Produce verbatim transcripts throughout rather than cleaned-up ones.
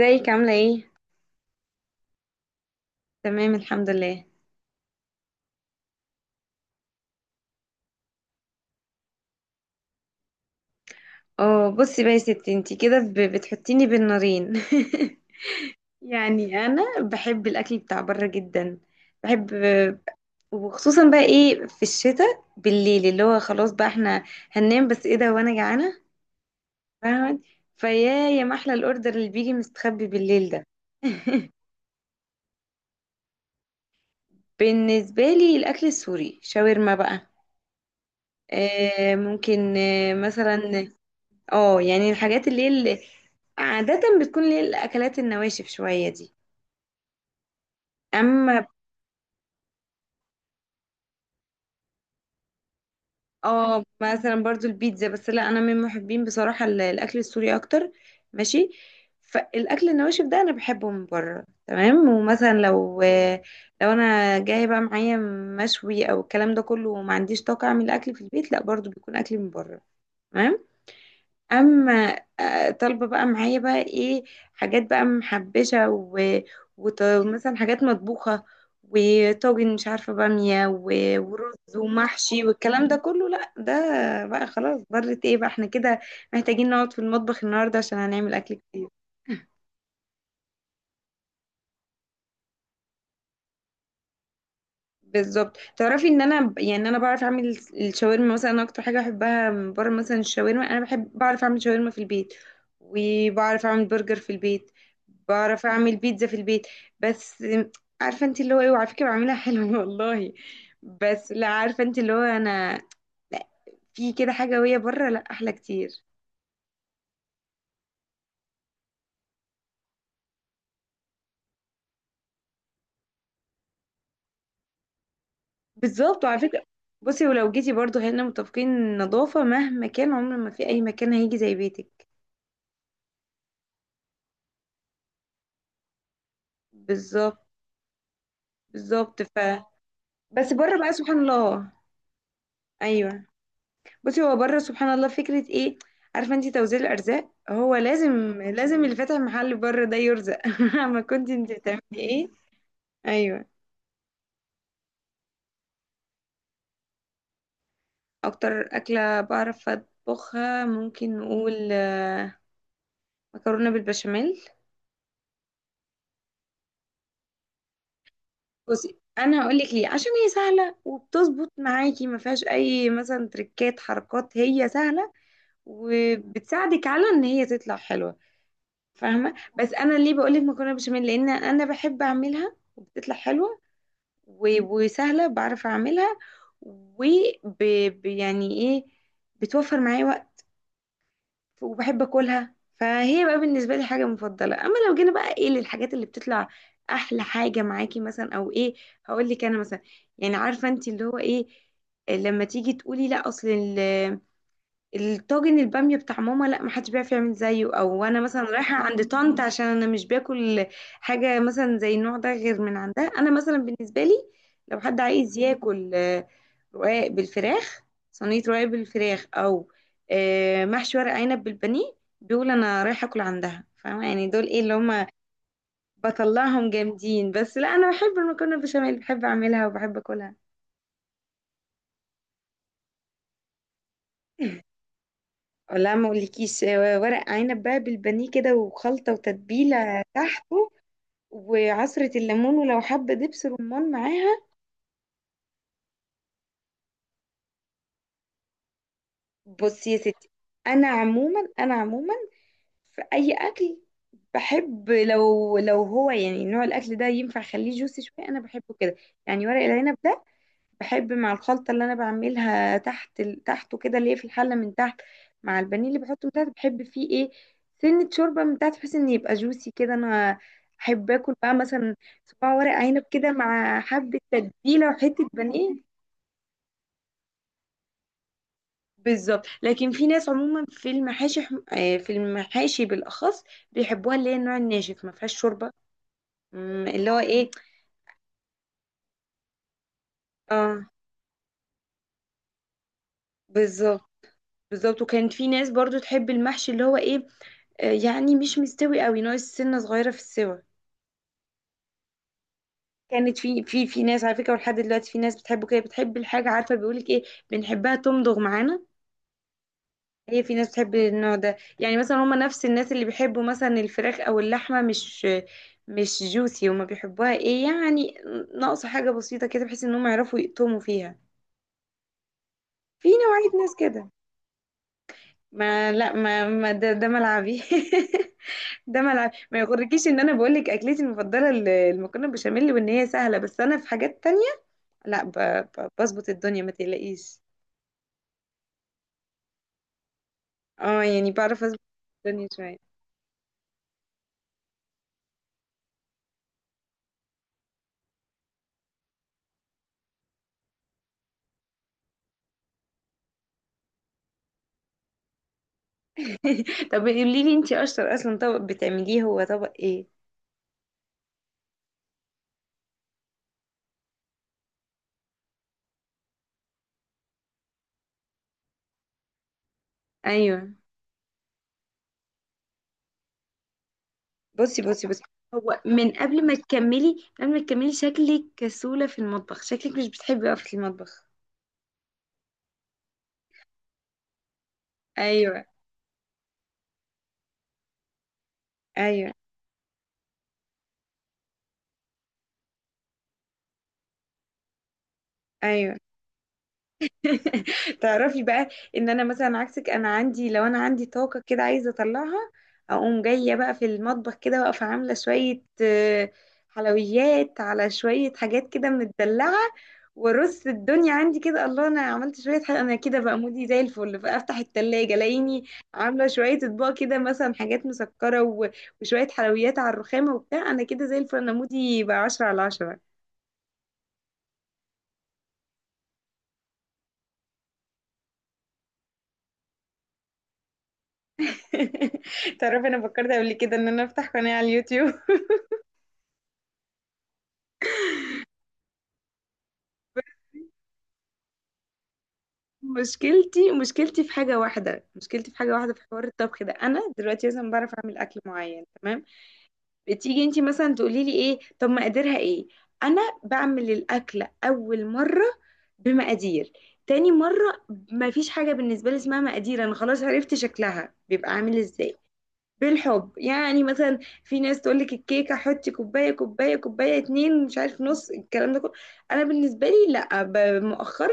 ازيك عاملة ايه؟ تمام الحمد لله. اه بصي بقى يا ستي انتي كده ب- بتحطيني بين نارين يعني انا بحب الاكل بتاع بره جدا، بحب. وخصوصا بقى ايه في الشتاء بالليل اللي هو خلاص بقى احنا هننام، بس ايه ده وانا جعانة، فاهمة؟ فيا يا محلى الاوردر اللي بيجي مستخبي بالليل ده بالنسبة لي الاكل السوري، شاورما بقى، آه ممكن آه مثلا. اه يعني الحاجات اللي هي اللي عادة بتكون اللي هي الأكلات النواشف شوية دي. أما اه مثلا برضو البيتزا، بس لا أنا من محبين بصراحة ال- الأكل السوري أكتر، ماشي. فالأكل النواشف ده أنا بحبه من بره تمام. ومثلا لو لو أنا جاية بقى معايا مشوي أو الكلام ده كله وما عنديش طاقة أعمل أكل في البيت، لا برضو بيكون أكل من بره، تمام. اما آه، طالبه بقى معايا بقى ايه، حاجات بقى محبشه و... وط... مثلا حاجات مطبوخه وطاجن، مش عارفه، باميه و... ورز ومحشي والكلام ده كله، لا ده بقى خلاص، ضرت ايه بقى احنا كده محتاجين نقعد في المطبخ النهارده عشان هنعمل اكل كتير. بالظبط، تعرفي ان انا ب- يعني انا بعرف اعمل الس- الشاورما، مثلا انا اكتر حاجه بحبها من بره مثلا الشاورما، انا بحب، بعرف اعمل شاورما في البيت، وبعرف اعمل برجر في البيت، بعرف اعمل بيتزا في البيت. بس عارفه انت اللي هو ايه، وعلى فكره بعملها حلو والله، بس لا عارفه انت اللي هو انا، لا، في كده حاجه وهي بره لا احلى كتير. بالظبط، وعلى فكره، بصي ولو جيتي برضو هنا متفقين إن النظافه مهما كان عمر ما في اي مكان هيجي زي بيتك. بالظبط، بالظبط، ف بس بره بقى سبحان الله. ايوه، بصي هو بره سبحان الله فكره ايه، عارفه انت توزيع الارزاق، هو لازم لازم اللي فاتح محل بره ده يرزق ما كنت انت بتعملي ايه. ايوه، اكتر اكله بعرف اطبخها ممكن نقول آه، مكرونه بالبشاميل. بصي انا هقول لك ليه، عشان هي سهله وبتظبط معاكي، ما فيهاش اي مثلا تريكات حركات، هي سهله وبتساعدك على ان هي تطلع حلوه، فاهمه؟ بس انا ليه بقول لك مكرونه بشاميل، لان انا بحب اعملها وبتطلع حلوه و- وسهله بعرف اعملها. و ب- ب- يعني ايه، بتوفر معايا وقت وبحب اكلها، فهي بقى بالنسبه لي حاجه مفضله. اما لو جينا بقى ايه للحاجات اللي بتطلع احلى حاجه معاكي مثلا او ايه، هقول لك انا مثلا، يعني عارفه انت اللي هو ايه، لما تيجي تقولي لا اصل الطاجن البامية بتاع ماما لا محدش بيعرف يعمل زيه، او انا مثلا رايحة عند طنط عشان انا مش باكل حاجة مثلا زي النوع ده غير من عندها. انا مثلا بالنسبة لي لو حد عايز ياكل آه، رقاق بالفراخ، صينية رقاق بالفراخ، او آه، محشي ورق عنب بالبانيه، بيقول انا رايحة اكل عندها، فاهمة؟ يعني دول ايه اللي هما بطلعهم جامدين. بس لا انا بحب المكرونة بشاميل، بحب اعملها وبحب اكلها. لا ما اقولكيش آه، ورق عنب بقى بالبانيه كده وخلطة وتتبيلة تحته وعصرة الليمون ولو حبة دبس رمان معاها. بصي يا ستي، انا عموما انا عموما في اي اكل بحب لو لو هو يعني نوع الاكل ده ينفع اخليه جوسي شويه، انا بحبه كده. يعني ورق العنب ده بحب مع الخلطه اللي انا بعملها تحت ال- تحته كده اللي هي في الحله من تحت، مع البانيه اللي بحطه من تحت، بحب فيه ايه، سنه شوربه من تحت بحيث ان يبقى جوسي كده. انا احب اكل بقى مثلا صباع ورق عنب كده مع حبه تتبيله وحته بانيه. بالظبط، لكن في ناس عموما في المحاشي حم- آه، في المحاشي بالاخص بيحبوها اللي هي النوع الناشف، ما فيهاش شوربه، مم، اللي هو ايه. اه بالظبط، بالظبط. وكانت في ناس برضو تحب المحشي اللي هو ايه، آه، يعني مش مستوي قوي، ناقص سنه صغيره في السوى. كانت في في في ناس على فكره، ولحد دلوقتي في ناس بتحبه كده، بتحب الحاجه، عارفه بيقولك ايه، بنحبها تمضغ معانا. هي في ناس بتحب النوع ده، يعني مثلا هما نفس الناس اللي بيحبوا مثلا الفراخ او اللحمه مش مش جوسي، وما بيحبوها ايه يعني، ناقصه حاجه بسيطه كده بحيث ان هم يعرفوا يقطموا فيها. في نوعيه ناس كده. ما لا ما, ما ده, ده ملعبي ده ملعبي، ما يغركيش ان انا بقول لك اكلتي المفضله ال- المكرونه بالبشاميل وان هي سهله، بس انا في حاجات تانية. لا ب- ب- بظبط الدنيا ما تقلقيش، اه يعني بعرف اظبط الدنيا شويه. طب قولي لي انتي اشطر اصلا طبق بتعمليه هو طبق ايه؟ ايوه، بصي بصي بصي هو من قبل ما تكملي، من قبل ما تكملي شكلك كسولة في المطبخ، شكلك مش بتحبي وقفة المطبخ. ايوه ايوه ايوه تعرفي بقى ان انا مثلا عكسك انا عندي لو انا عندي طاقة كده عايزة اطلعها اقوم جاية بقى في المطبخ كده واقفة عاملة شوية آه، حلويات على شوية حاجات كده متدلعة وارص الدنيا عندي كده الله انا عملت شوية حاجة انا كده بقى مودي زي الفل فافتح التلاجة الاقيني عاملة شوية اطباق كده مثلا حاجات مسكرة و- وشوية حلويات على الرخامة وبتاع، انا كده زي الفل، انا مودي بقى عشرة على عشرة. تعرفي انا فكرت قبل كده ان انا افتح قناة على اليوتيوب مشكلتي مشكلتي في حاجة واحدة، مشكلتي في حاجة واحدة في حوار الطبخ ده، أنا دلوقتي مثلا بعرف أعمل أكل معين تمام، بتيجي أنتي مثلا تقولي لي إيه طب مقاديرها إيه، أنا بعمل الأكلة أول مرة بمقادير، تاني مرة مفيش حاجة بالنسبة لي اسمها مقادير، أنا خلاص عرفت شكلها بيبقى عامل إزاي. بالحب، يعني مثلا في ناس تقول لك الكيكه حطي كوبايه كوبايه كوبايه اتنين مش عارف نص الكلام ده كله، انا بالنسبه لي لا ب- مؤخرا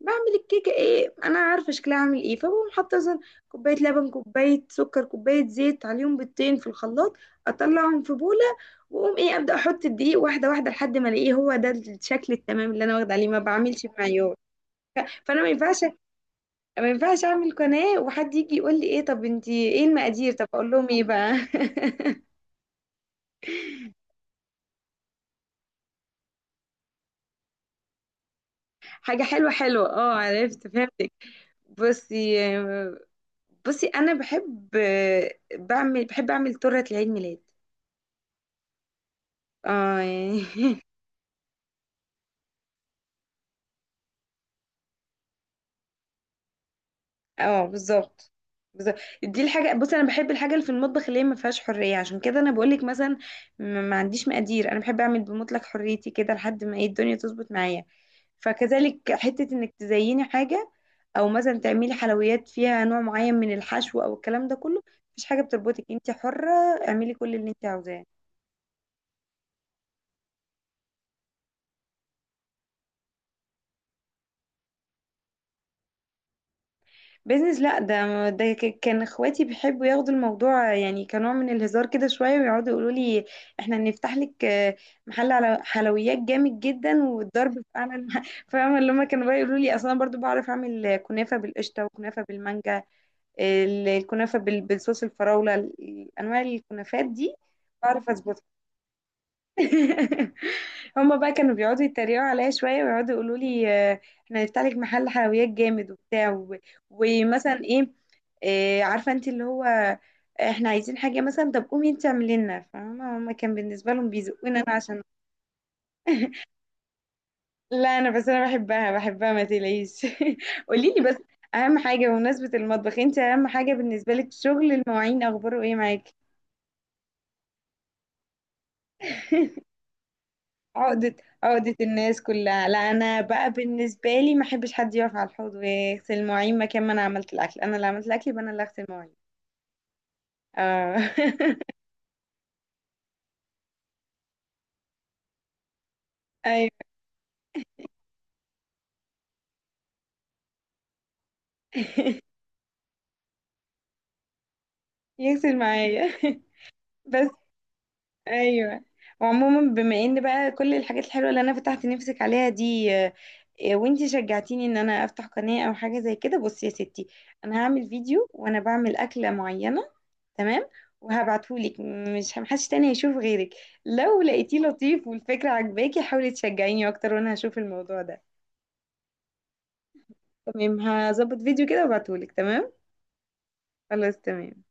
بعمل الكيكه ايه، انا عارفه شكلها عامل ايه، فبقوم حاطه مثلا كوبايه لبن كوبايه سكر كوبايه زيت عليهم بيضتين في الخلاط، اطلعهم في بوله، واقوم ايه ابدا احط الدقيق واحده واحده لحد ما الاقيه هو ده الشكل التمام اللي انا واخده عليه، ما بعملش بمعيار. فانا ما ينفعش، ما ينفعش اعمل قناه وحد يجي يقول لي ايه طب انتي ايه المقادير، طب اقول لهم ايه بقى حاجة حلوة حلوة، اه عرفت فهمتك. بصي بصي انا بحب، بعمل، بحب اعمل تورته لعيد ميلاد، اه يعني اه بالظبط، بالظبط، دي الحاجه، بص انا بحب الحاجه اللي في المطبخ اللي هي ما فيهاش حريه، عشان كده انا بقول لك مثلا ما ما عنديش مقادير، انا بحب اعمل بمطلق حريتي كده لحد ما ايه الدنيا تظبط معايا. فكذلك حته انك تزيني حاجه، او مثلا تعملي حلويات فيها نوع معين من الحشو او الكلام ده كله، مفيش حاجه بتربطك، انت حره، اعملي كل اللي انت عاوزاه. بيزنس، لا ده ده ك- كان اخواتي بيحبوا ياخدوا الموضوع يعني كنوع من الهزار كده شويه، ويقعدوا يقولوا لي احنا هنفتح لك آه، محل على حلويات جامد جدا، والضرب في اعلى الم- فاهمه اللي هم كانوا بقى يقولوا لي. اصلا برضو بعرف اعمل كنافه بالقشطه وكنافه بالمانجا، ال- الكنافه بال- بالصوص الفراوله، ال- انواع الكنافات دي بعرف اظبطها هما بقى كانوا بيقعدوا يتريقوا عليا شويه ويقعدوا يقولوا لي آه، احنا هنفتح لك محل حلويات جامد وبتاع و- ومثلا ايه آه، عارفه انت اللي هو "آه، احنا عايزين حاجه مثلا طب قومي انت اعملي لنا"، فاهمه؟ هما كان بالنسبه لهم بيزقونا انا، عشان، لا انا بس انا بحبها، بحبها ما تقلقيش قولي لي بس، اهم حاجه بمناسبه المطبخ انت، اهم حاجه بالنسبه لك شغل المواعين، اخباره ايه معاكي؟ عقدة، عقدة الناس كلها. لا انا بقى بالنسبة لي ما احبش حد يقف على الحوض ويغسل مواعين مكان ما انا عملت الاكل، انا اللي عملت الاكل يبقى انا اللي هغسل مواعين. اه ايوه، يغسل معايا بس. ايوه وعموما، بما ان بقى كل الحاجات الحلوه اللي انا فتحت نفسك عليها دي آه، آه، وانتي شجعتيني ان انا افتح قناه او حاجه زي كده، بصي يا ستي انا هعمل فيديو وانا بعمل اكله معينه تمام، وهبعتهولك، مش محدش تاني هيشوف غيرك. لو لقيتيه لطيف والفكره عجباكي حاولي تشجعيني اكتر وانا هشوف الموضوع ده. تمام، هظبط فيديو كده وابعتهولك. تمام، خلاص تمام.